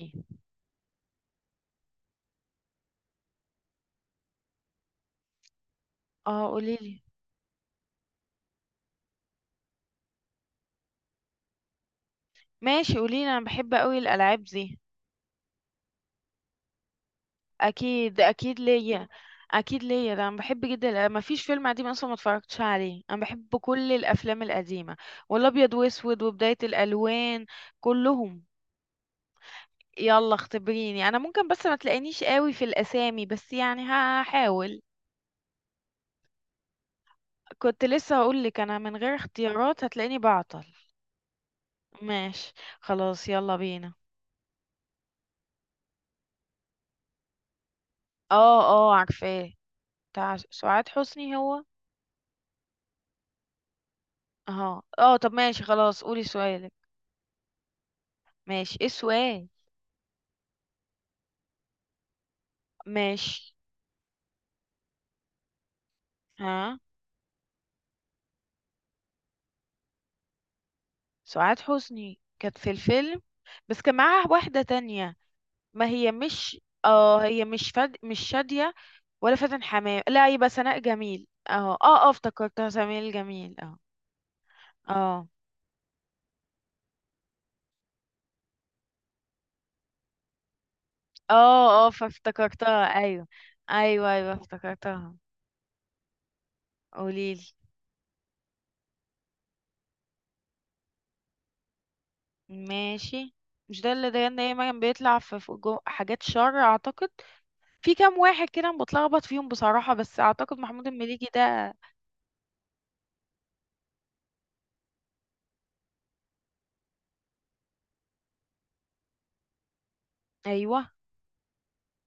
إيه؟ اه، قوليلي. ماشي، قوليلي، انا بحب قوي الالعاب دي. اكيد اكيد ليا، ده انا بحب جدا، ما فيش فيلم قديم اصلا ما اتفرجتش عليه، انا بحب كل الافلام القديمه والابيض واسود وبدايه الالوان كلهم. يلا اختبريني، انا ممكن بس ما تلاقينيش قوي في الاسامي، بس يعني هحاول. كنت لسه هقول لك، انا من غير اختيارات هتلاقيني بعطل. ماشي، خلاص يلا بينا. اه اه، عارفاه. بتاع سعاد حسني هو؟ اه اه، طب ماشي، خلاص قولي سؤالك. ماشي، ايه السؤال؟ ماشي. ها. سعاد حسني كانت في الفيلم، بس كان معاها واحدة تانية. ما هي مش، مش شادية. ولا فاتن حمام. لا، يبقى سناء جميل. اه اه اه، افتكرتها سمير جميل. اه. اه اه اه، فافتكرتها ايوه ايوه ايوه، افتكرتها. قوليلي. ماشي. مش ده اللي ده ان هي مريم بيطلع في حاجات شر اعتقد. في كام واحد كده أنا بتلخبط فيهم بصراحة، بس اعتقد محمود المليجي ده. ايوه.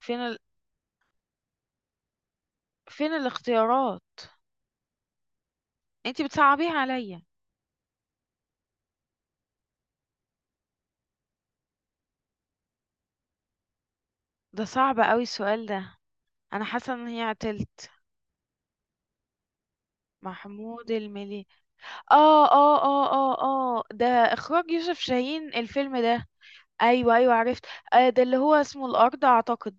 فين ال... فين الاختيارات؟ انتي بتصعبيها عليا. ده صعب قوي السؤال ده. انا حاسه ان هي عتلت. محمود المليجي. اه اه اه اه اه، ده اخراج يوسف شاهين الفيلم ده. ايوه ايوه، عرفت. آه، ده اللي هو اسمه الارض اعتقد.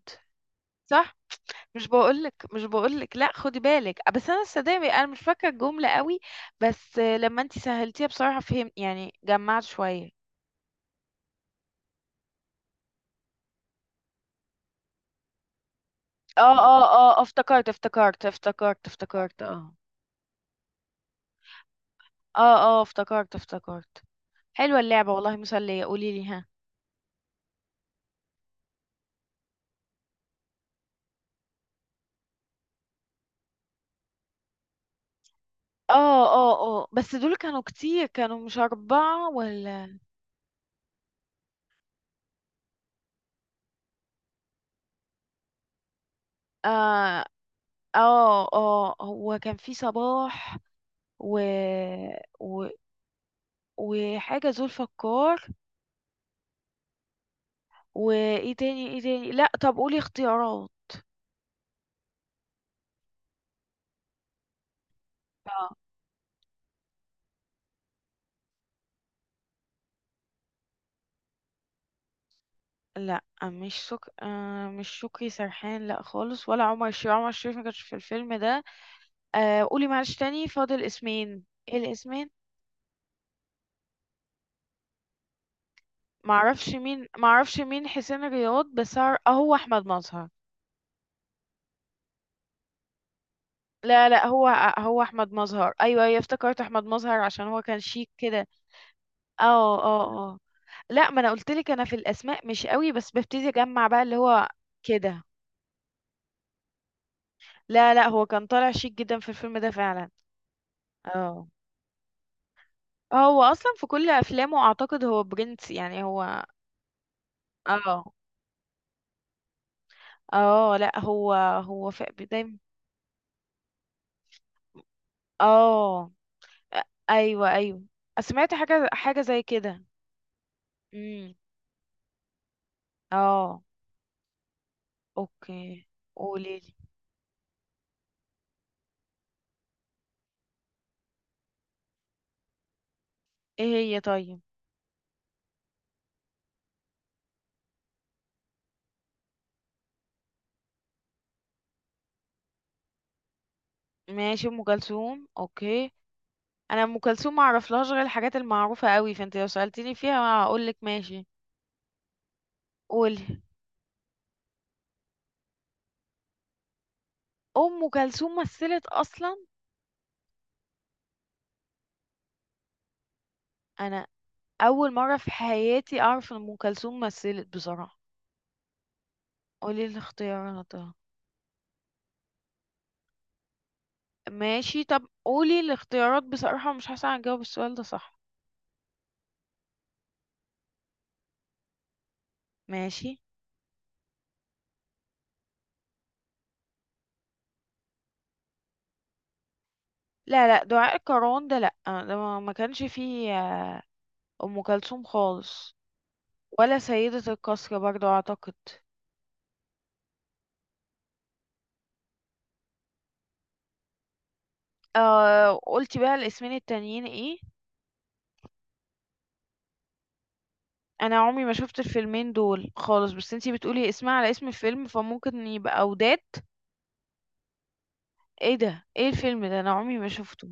صح. مش بقولك مش بقولك، لا خدي بالك. بس انا صدقني انا مش فاكره الجمله قوي. بس، لما انتي سهلتيها بصراحه فهم يعني جمعت شويه. اه اه اه، افتكرت افتكرت افتكرت افتكرت. اه. اه اه، افتكرت افتكرت. حلوة اللعبة والله، مسلية. قولي لي. ها. اه اه. اه، بس دول كانوا كتير، كانوا مش أربعة ولا؟ اه اه. اه هو كان في صباح و... و... وحاجة زولفقار. وايه تاني ايه تاني، لا طب قولي اختيارات. اه لا، مش سك... آه مش شكري سرحان، لا خالص، ولا عمر الشريف ما كانش في الفيلم ده. آه، قولي معلش تاني فاضل اسمين. ايه الاسمين؟ معرفش مين حسين الرياض بس آه، هو احمد مظهر. لا لا، هو. هو احمد مظهر. ايوه ايوه، افتكرت احمد مظهر عشان هو كان شيك كده. اه اه اه. لا ما انا قلت لك، انا في الاسماء مش قوي، بس ببتدي اجمع بقى اللي هو كده. لا لا، هو كان طالع شيك جدا في الفيلم ده فعلا. اه. هو اصلا في كل افلامه اعتقد هو برنس، يعني هو. اه. اه لا، هو في دايما. اه ايوه ايوه، سمعت حاجه حاجه زي كده. امم. اه. اوكي. قولي لي. ايه؟ هي، طيب. ماشي، ام كلثوم، اوكي. انا ام كلثوم ما اعرفلهاش غير الحاجات المعروفه قوي، فانت لو سالتني فيها هقول لك ماشي. قولي. ام كلثوم مثلت اصلا؟ انا اول مره في حياتي اعرف ان ام كلثوم مثلت بصراحه. قولي الاختيارات. ماشي، طب قولي الاختيارات، بصراحه مش حاسه هجاوب السؤال ده صح. ماشي. لا لا، دعاء الكروان ده لا، ده ما كانش فيه ام كلثوم خالص. ولا سيدة القصر برضو اعتقد. آه، قلتي بقى الاسمين التانيين ايه؟ انا عمري ما شفت الفيلمين دول خالص، بس انتي بتقولي اسمها على اسم الفيلم، فممكن يبقى اوداد. ايه ده؟ ايه الفيلم ده؟ انا عمري ما شفته.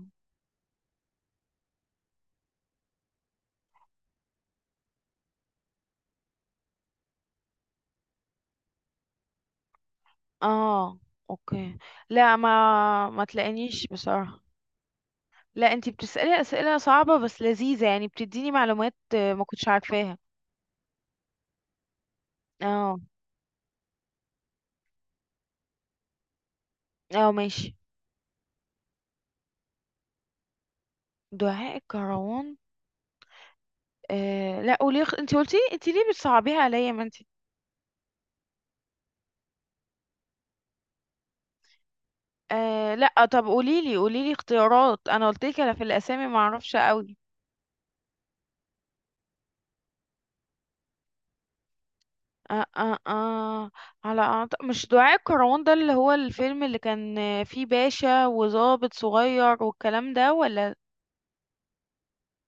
اه، اوكي. لا، ما تلاقينيش بصراحة. لا، انتي بتسألي اسئلة صعبة بس لذيذة، يعني بتديني معلومات ما كنتش عارفاها. اه. اه ماشي. دعاء الكروان. آه لا، قولي انت قلتي، انت ليه بتصعبيها عليا ما انت. آه لا، طب قولي لي قولي لي اختيارات، انا قلت لك انا في الاسامي ما اعرفش قوي. آه آه آه. مش دعاء الكروان ده اللي هو الفيلم اللي كان فيه باشا وضابط صغير والكلام ده، ولا؟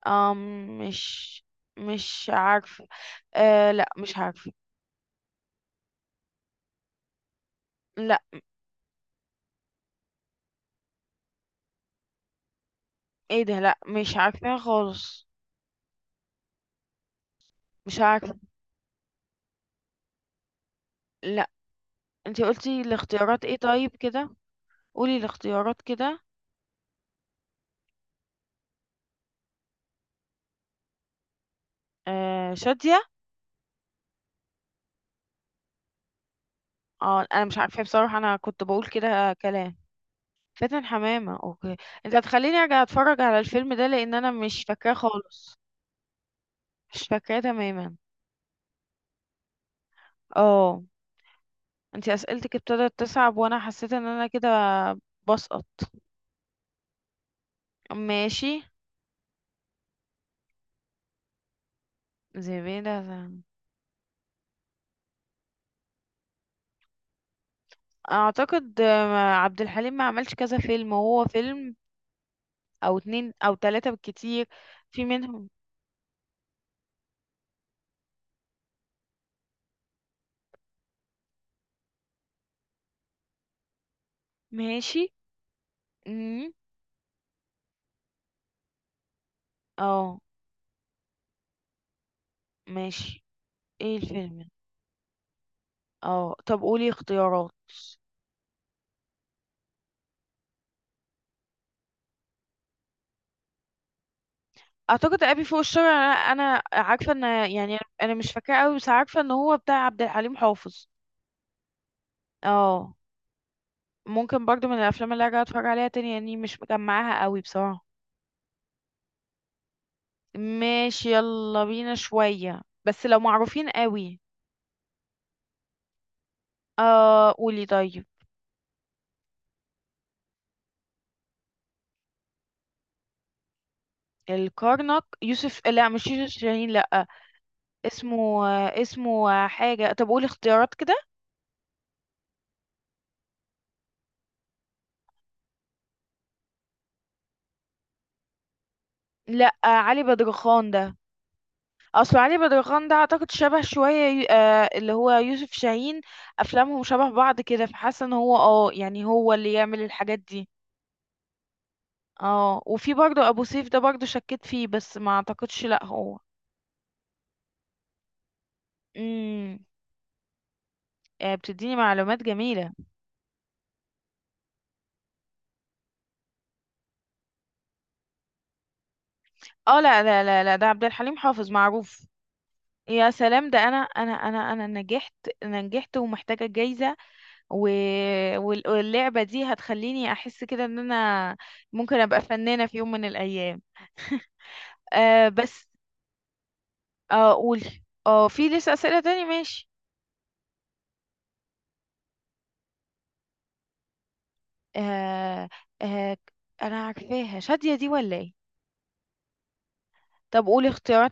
آه. مش. مش عارفه. آه لا، مش عارفه. لا. ايه ده؟ لا، مش عارفه خالص. مش عارفه. لا، انت قلتي الاختيارات ايه طيب كده؟ قولي الاختيارات كده. آه، شادية. اه، انا مش عارفة بصراحة، انا كنت بقول كده كلام. فاتن حمامة، اوكي. انت هتخليني ارجع اتفرج على الفيلم ده لان انا مش فاكراه خالص. مش فاكراه تماما. اه. انت اسئلتك ابتدت تصعب، وانا حسيت ان انا كده بسقط. ماشي. زبيدة اعتقد عبد الحليم ما عملش كذا فيلم، هو فيلم او اتنين او تلاتة بالكتير. في منهم. ماشي. امم. اه ماشي. ايه الفيلم ده؟ اه، طب قولي اختيارات. اعتقد ابي فوق الشارع. انا عارفه ان يعني انا مش فاكره قوي، بس عارفه ان هو بتاع عبد الحليم حافظ. اه. ممكن برضو من الافلام اللي ارجع اتفرج عليها تاني، يعني مش مجمعاها قوي بصراحه. ماشي، يلا بينا شويه بس لو معروفين قوي. اه، قولي طيب. الكرنك لا مش يوسف شاهين، لا. اسمه. اسمه حاجه، طب قولي اختيارات كده. لا، علي بدرخان ده. اصل علي بدرخان ده اعتقد شبه شويه اللي هو يوسف شاهين. افلامهم شبه بعض كده، فحاسه ان هو اه يعني هو اللي يعمل الحاجات دي. اه، وفي برضه ابو سيف ده برضه شكيت فيه، بس ما اعتقدش لا هو. امم. آه، بتديني معلومات جميله. اه، لا لا لا لا، ده عبد الحليم حافظ معروف. يا سلام، ده انا نجحت. انا نجحت ومحتاجه جايزه. و... واللعبه دي هتخليني احس كده ان انا ممكن ابقى فنانه في يوم من الايام. آه، بس. اه قولي، اه في لسه اسئله تاني ماشي؟ آه آه. انا عارفاها. شاديه دي، ولا ايه؟ طب قولي اختيارات.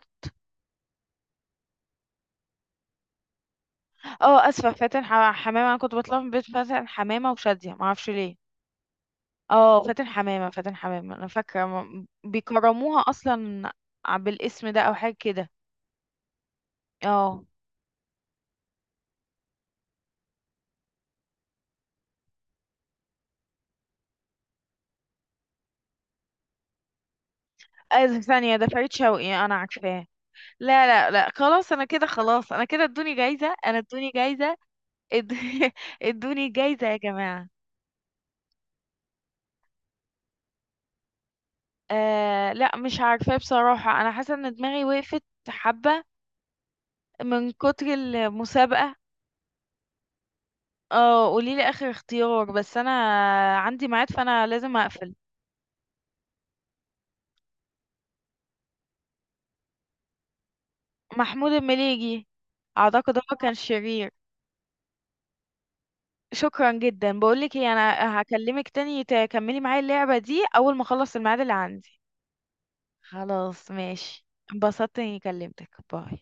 اه، اسفه، فاتن حمامه، انا كنت بطلع من بيت فاتن حمامه وشاديه ما اعرفش ليه. اه، فاتن حمامه فاتن حمامه، انا فاكره بيكرموها اصلا. بالاسم ده او حاجه كده. اه. آه، ثانية، ده فريد شوقي أنا عارفاه. لا لا لا، خلاص أنا كده، خلاص أنا كده، ادوني جايزة، أنا ادوني جايزة. اد- ادوني جايزة يا جماعة. آه لا، مش عارفة بصراحة، أنا حاسة إن دماغي وقفت حبة من كتر المسابقة. اه قوليلي آخر اختيار، بس أنا عندي ميعاد فأنا لازم أقفل. محمود المليجي. أعتقد هو كان شرير. شكرا جدا. بقولك ايه، أنا هكلمك تاني تكملي معايا اللعبة دي أول ما أخلص الميعاد اللي عندي. خلاص ماشي. انبسطت إني كلمتك. باي.